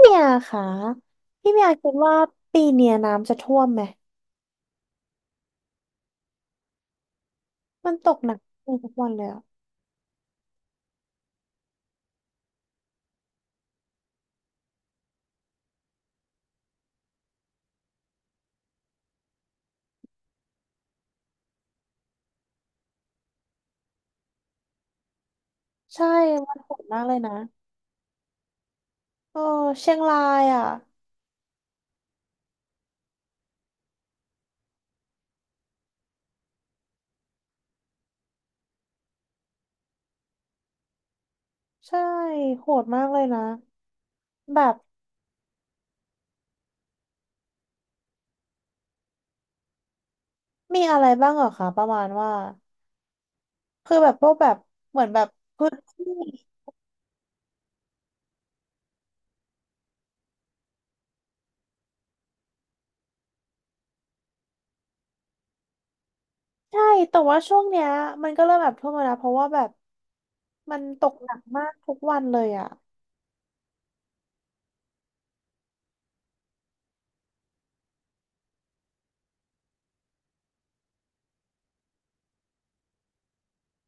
เมียค่ะพี่เมียคิดว่าปีเนี้ยน้ำจะท่วมไหมมันตกหนักทุกวันเลยอะใช่มันโหดมากเลยนะเออเชียงรายอ่ะใช่โหดมากเลยนะแบบมีอะไรบ้างเหรอคะประมาณว่าคือแบบพวกแบบเหมือนแบบพื้นที่ใช่แต่ว่าช่วงเนี้ยมันก็เริ่มแบบท่วมแล้วนะเพราะว่าแบบมันตกหนักมากทุกวันเลยอ่ะ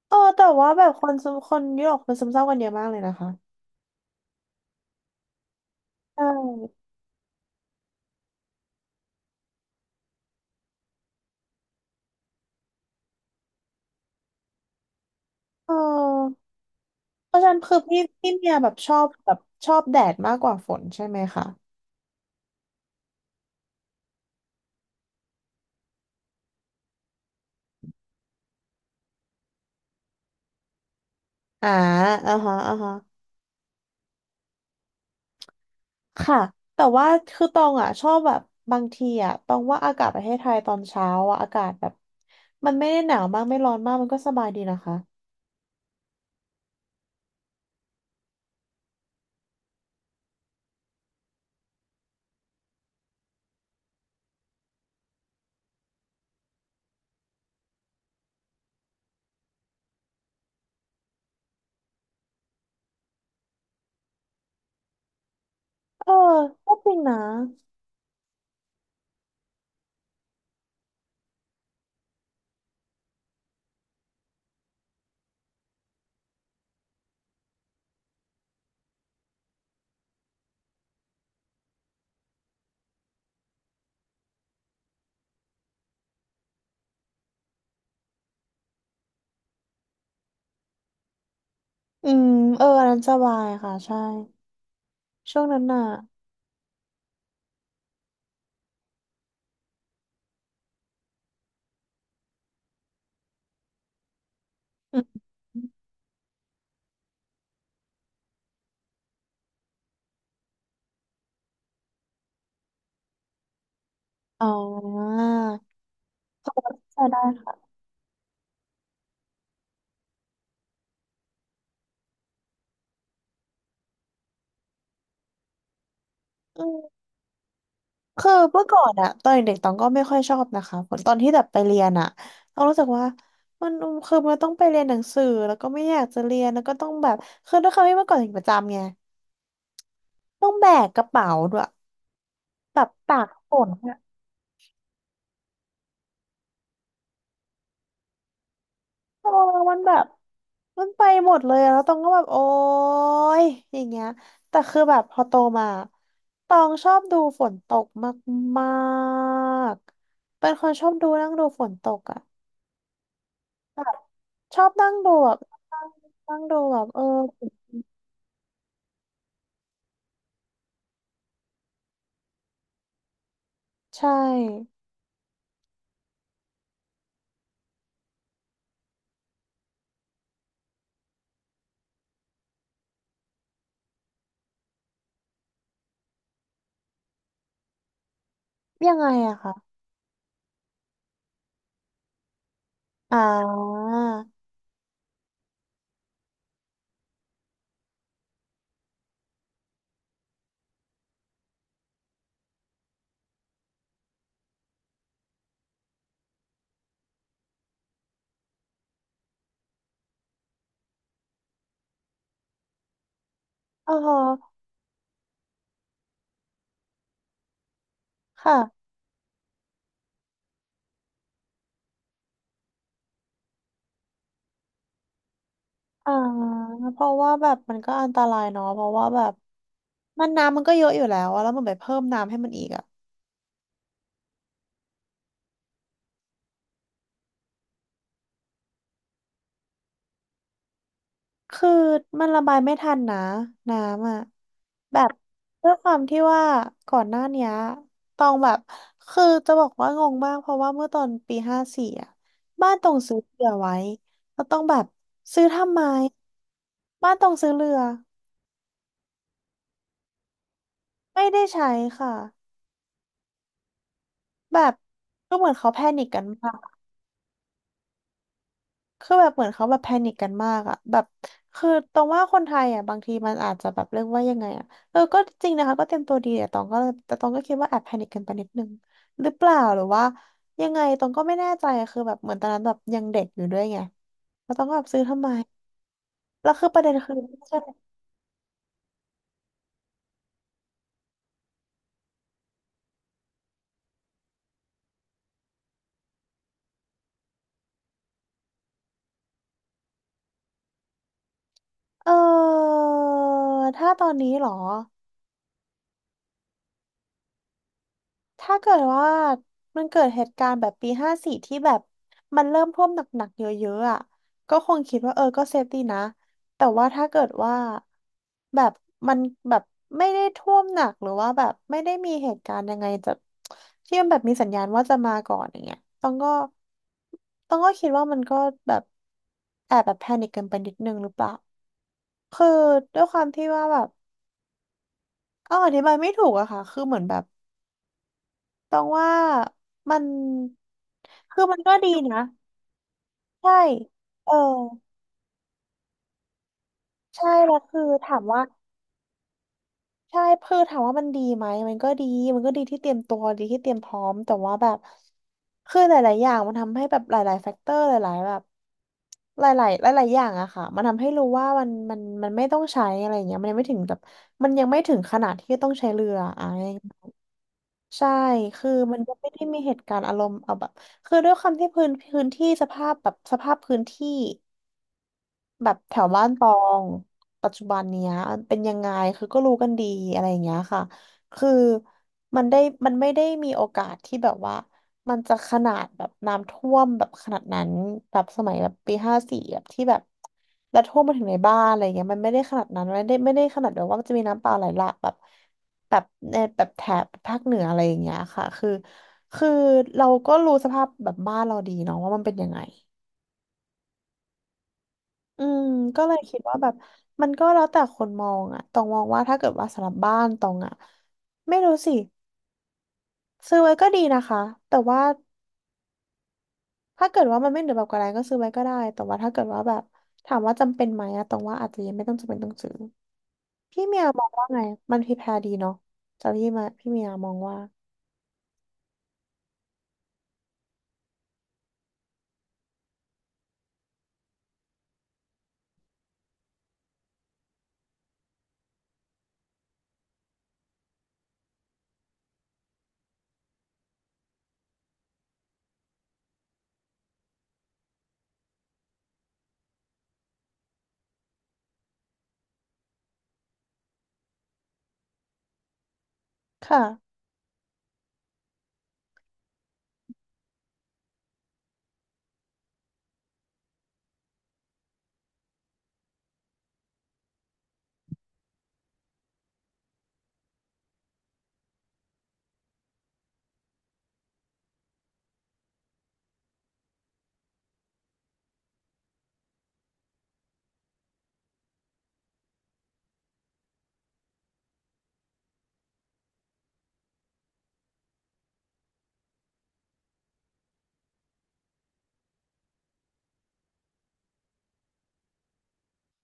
เออแต่ว่าแบบคนซึมคนยุโรปคนซึมเศร้ากันเยอะมากเลยนะคะใช่เออ เพราะฉะนั้นคือพี่เมียแบบชอบแบบชอบแดดมากกว่าฝนใช่ไหมคะอ่าอ่าฮะอ่าฮะค่ะแต่ว่าคือตองอ่ะชอบแบบบางทีอ่ะตองว่าอากาศประเทศไทยตอนเช้าอ่ะอากาศแบบมันไม่ได้หนาวมากไม่ร้อนมากมันก็สบายดีนะคะเออก็จริงนะอืมเอออันนั้นสบายค่ะใช่ช่วงนั้นน่ะอืมอ๋อใช่ได้ค่ะ คือเมื่อก่อนอะตอนเด็กๆตองก็ไม่ค่อยชอบนะคะผลตอนที่แบบไปเรียนอะตองรู้สึกว่ามันคือมันต้องไปเรียนหนังสือแล้วก็ไม่อยากจะเรียนแล้วก็ต้องแบบคือด้วยความที่เมื่อก่อนเด็กประจำไงต้องแบกกระเป๋าด้วยแบบตากฝนอะโอ้มันแบบมันไปหมดเลยอะแล้วตองก็แบบโอ๊ยอย่างเงี้ยแต่คือแบบพอโตมาตองชอบดูฝนตกมากๆเป็นคนชอบดูนั่งดูฝนตกอะ ชอบนั่งดูแบบนั่งดูแบบเออใช่ยังไงอะค่ะอ่าอ๋อค่ะอ่าเพราะว่าแบบมันก็อันตรายเนาะเพราะว่าแบบมันน้ำมันก็เยอะอยู่แล้วอะแล้วมันไปเพิ่มน้ำให้มันอีกอะ คือมันระบายไม่ทันนะน้ำอ่ะแบบด้วยความที่ว่าก่อนหน้าเนี้ยตองแบบคือจะบอกว่างงมากเพราะว่าเมื่อตอนปีห้าสี่อ่ะบ้านตองซื้อเรือไว้แล้วต้องแบบซื้อทำไมบ้านตองซื้อเรือไม่ได้ใช้ค่ะแบบก็เหมือนเขาแพนิคกันมาก คือแบบเหมือนเขาแบบแพนิคกันมากอะแบบคือตรงว่าคนไทยอะบางทีมันอาจจะแบบเรียกว่ายังไงอะเออก็จริงนะคะก็เตรียมตัวดีแต่ตองก็เลยแต่ตองก็คิดว่าแอบแพนิคกันไปนิดนึงหรือเปล่าหรือว่ายังไงตองก็ไม่แน่ใจอะคือแบบเหมือนตอนนั้นแบบยังเด็กอยู่ด้วยไงแล้วตองก็แบบซื้อทำไมแล้วคือประเด็นคือเออถ้าตอนนี้เหรอ ถ้าเกิดว่ามันเกิดเหตุการณ์แบบปีห้าสี่ที่แบบมันเริ่มท่วมหนักๆเยอะๆอ่ะก็คงคิดว่าเออก็เซฟดีนะแต่ว่าถ้าเกิดว่าแบบมันแบบไม่ได้ท่วมหนักหรือว่าแบบไม่ได้มีเหตุการณ์ยังไงจะที่มันแบบมีสัญญาณว่าจะมาก่อนอย่างเงี้ยต้องก็คิดว่ามันก็แบบแอบแบบแพนิคเกินไปนิดนึงหรือเปล่าคือด้วยความที่ว่าแบบเอาอธิบายไม่ถูกอะค่ะคือเหมือนแบบ ตองว่ามันคือมันก็ดีนะใช่เออใช่แล้วคือถามว่าใช่คือถามว่ามันดีไหมมันก็ดีมันก็ดีที่เตรียมตัวดีที่เตรียมพร้อมแต่ว่าแบบคือหลาย ๆ อย่างมันทำให้แบบหลายๆแฟกเตอร์หลายๆแบบหลายๆหลาย ๆ อย่างอะค่ะมันทำให้รู้ว่ามันไม่ต้องใช้อะไรอย่างเงี้ยมันยังไม่ถึงแบบมันยังไม่ถึงขนาดที่ต้องใช้เรืออะ ใช่ คือมันก็ไม่ได้มีเหตุการณ์อารมณ์เอาแบบ คือด้วยความที่พื้นที่สภาพแบบสภาพพื้นที่ แบบแถวบ้านตองปัจจุบันเนี้ยเป็นยังไงคือก็รู้กันดีอะไรอย่างเงี้ยค่ะคือมันได้มันไม่ได้มีโอกาสที่แบบว่ามันจะขนาดแบบน้ำท่วมแบบขนาดนั้นแบบสมัยแบบปีห้าสี่แบบที่แบบแล้วท่วมมาถึงในบ้านอะไรเงี้ยมันไม่ได้ขนาดนั้นไม่ได้ขนาดแบบว่ามันจะมีน้ำป่าไหลหลากแบบแบบในแบบแถบภาคเหนืออะไรอย่างเงี้ยค่ะคือเราก็รู้สภาพแบบบ้านเราดีเนาะว่ามันเป็นยังไง อืมก็เลยคิดว่าแบบมันก็แล้วแต่คนมองอะตองมองว่าถ้าเกิดว่าสำหรับบ้านตองอะไม่รู้สิซื้อไว้ก็ดีนะคะแต่ว่าถ้าเกิดว่ามันไม่เหลือแบบกระไรก็ซื้อไว้ก็ได้แต่ว่าถ้าเกิดว่าแบบถามว่าจำเป็นไหมอะตองว่าอาจจะยังไม่ต้องจำเป็นต้องซื้อพี่เมียมองว่าไงมันพรีแพร์ดีเนาะแต่พี่มาพี่เมียมองว่าค่ะ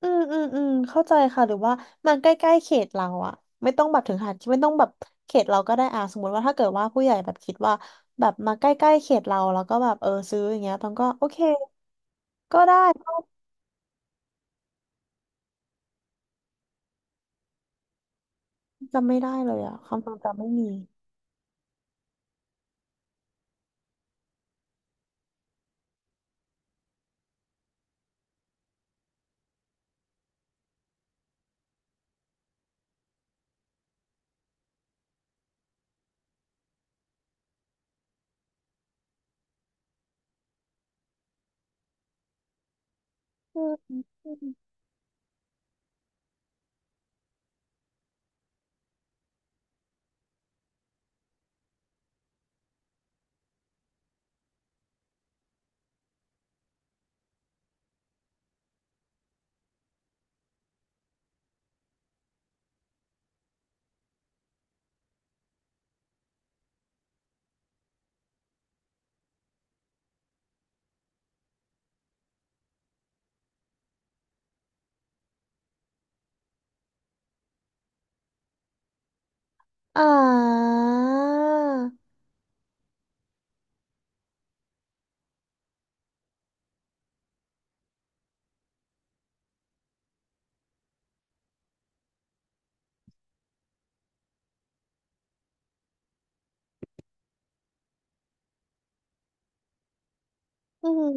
อืมเข้าใจค่ะหรือว่ามันใกล้ๆเขตเราอะไม่ต้องแบบถึงขนาดที่ไม่ต้องแบบเขตเราก็ได้อ่ะสมมติว่าถ้าเกิดว่าผู้ใหญ่แบบคิดว่าแบบมาใกล้ๆเขตเราแล้วก็แบบเออซื้ออย่างเงี้ยตองก็โอเคก็ได้ก็จำไม่ได้เลยอะความทรงจำไม่มีอืมอืมอ่าอืม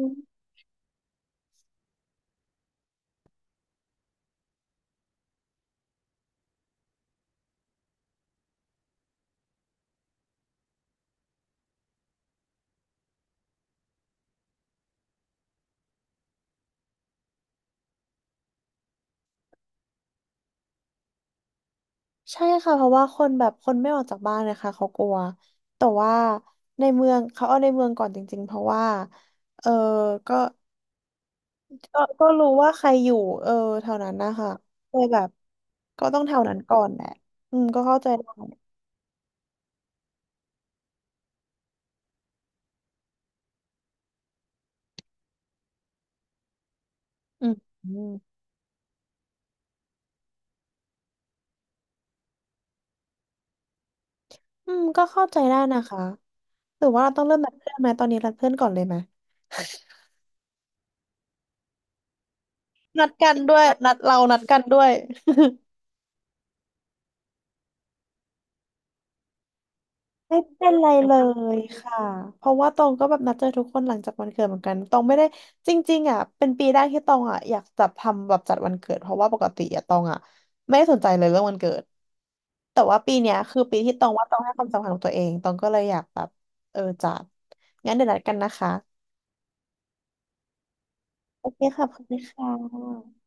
ใช่ค่ะเพราะว่าคนแบบคนไม่ออกจากบ้านนะคะเขากลัวแต่ว่าในเมืองเขาเอาในเมืองก่อนจริงๆเพราะว่าเออก็ ก็รู้ว่าใครอยู่เออแถวนั้นนะคะเลยแบบก็ต้องแถวนั้นก่อนแหละอืมก็เข้าใจได้อืมอืมอืมก็เข้าใจได้นะคะหรือว่าเราต้องเริ่มนัดเพื่อนไหมตอนนี้นัดเพื่อนก่อนเลยไหมนัดกันด้วยนัดเรานัดกันด้วย ไม่เป็นไรเลยค่ะเพราะว่าตองก็แบบนัดเจอทุกคนหลังจากวันเกิดเหมือนกันตองไม่ได้จริงๆอ่ะเป็นปีแรกที่ตองอ่ะอยากจัดทำแบบจัดวันเกิดเพราะว่าปกติอ่ะตองอ่ะไม่ได้สนใจเลยเรื่องวันเกิดแต่ว่าปีเนี้ยคือปีที่ตองว่าตองให้ความสำคัญกับตัวเองตองก็เลยอยากแบบเออจัดงั้นเดี๋ยวนัดกันนะคะโอเคค่ะขอบคุณค่ะ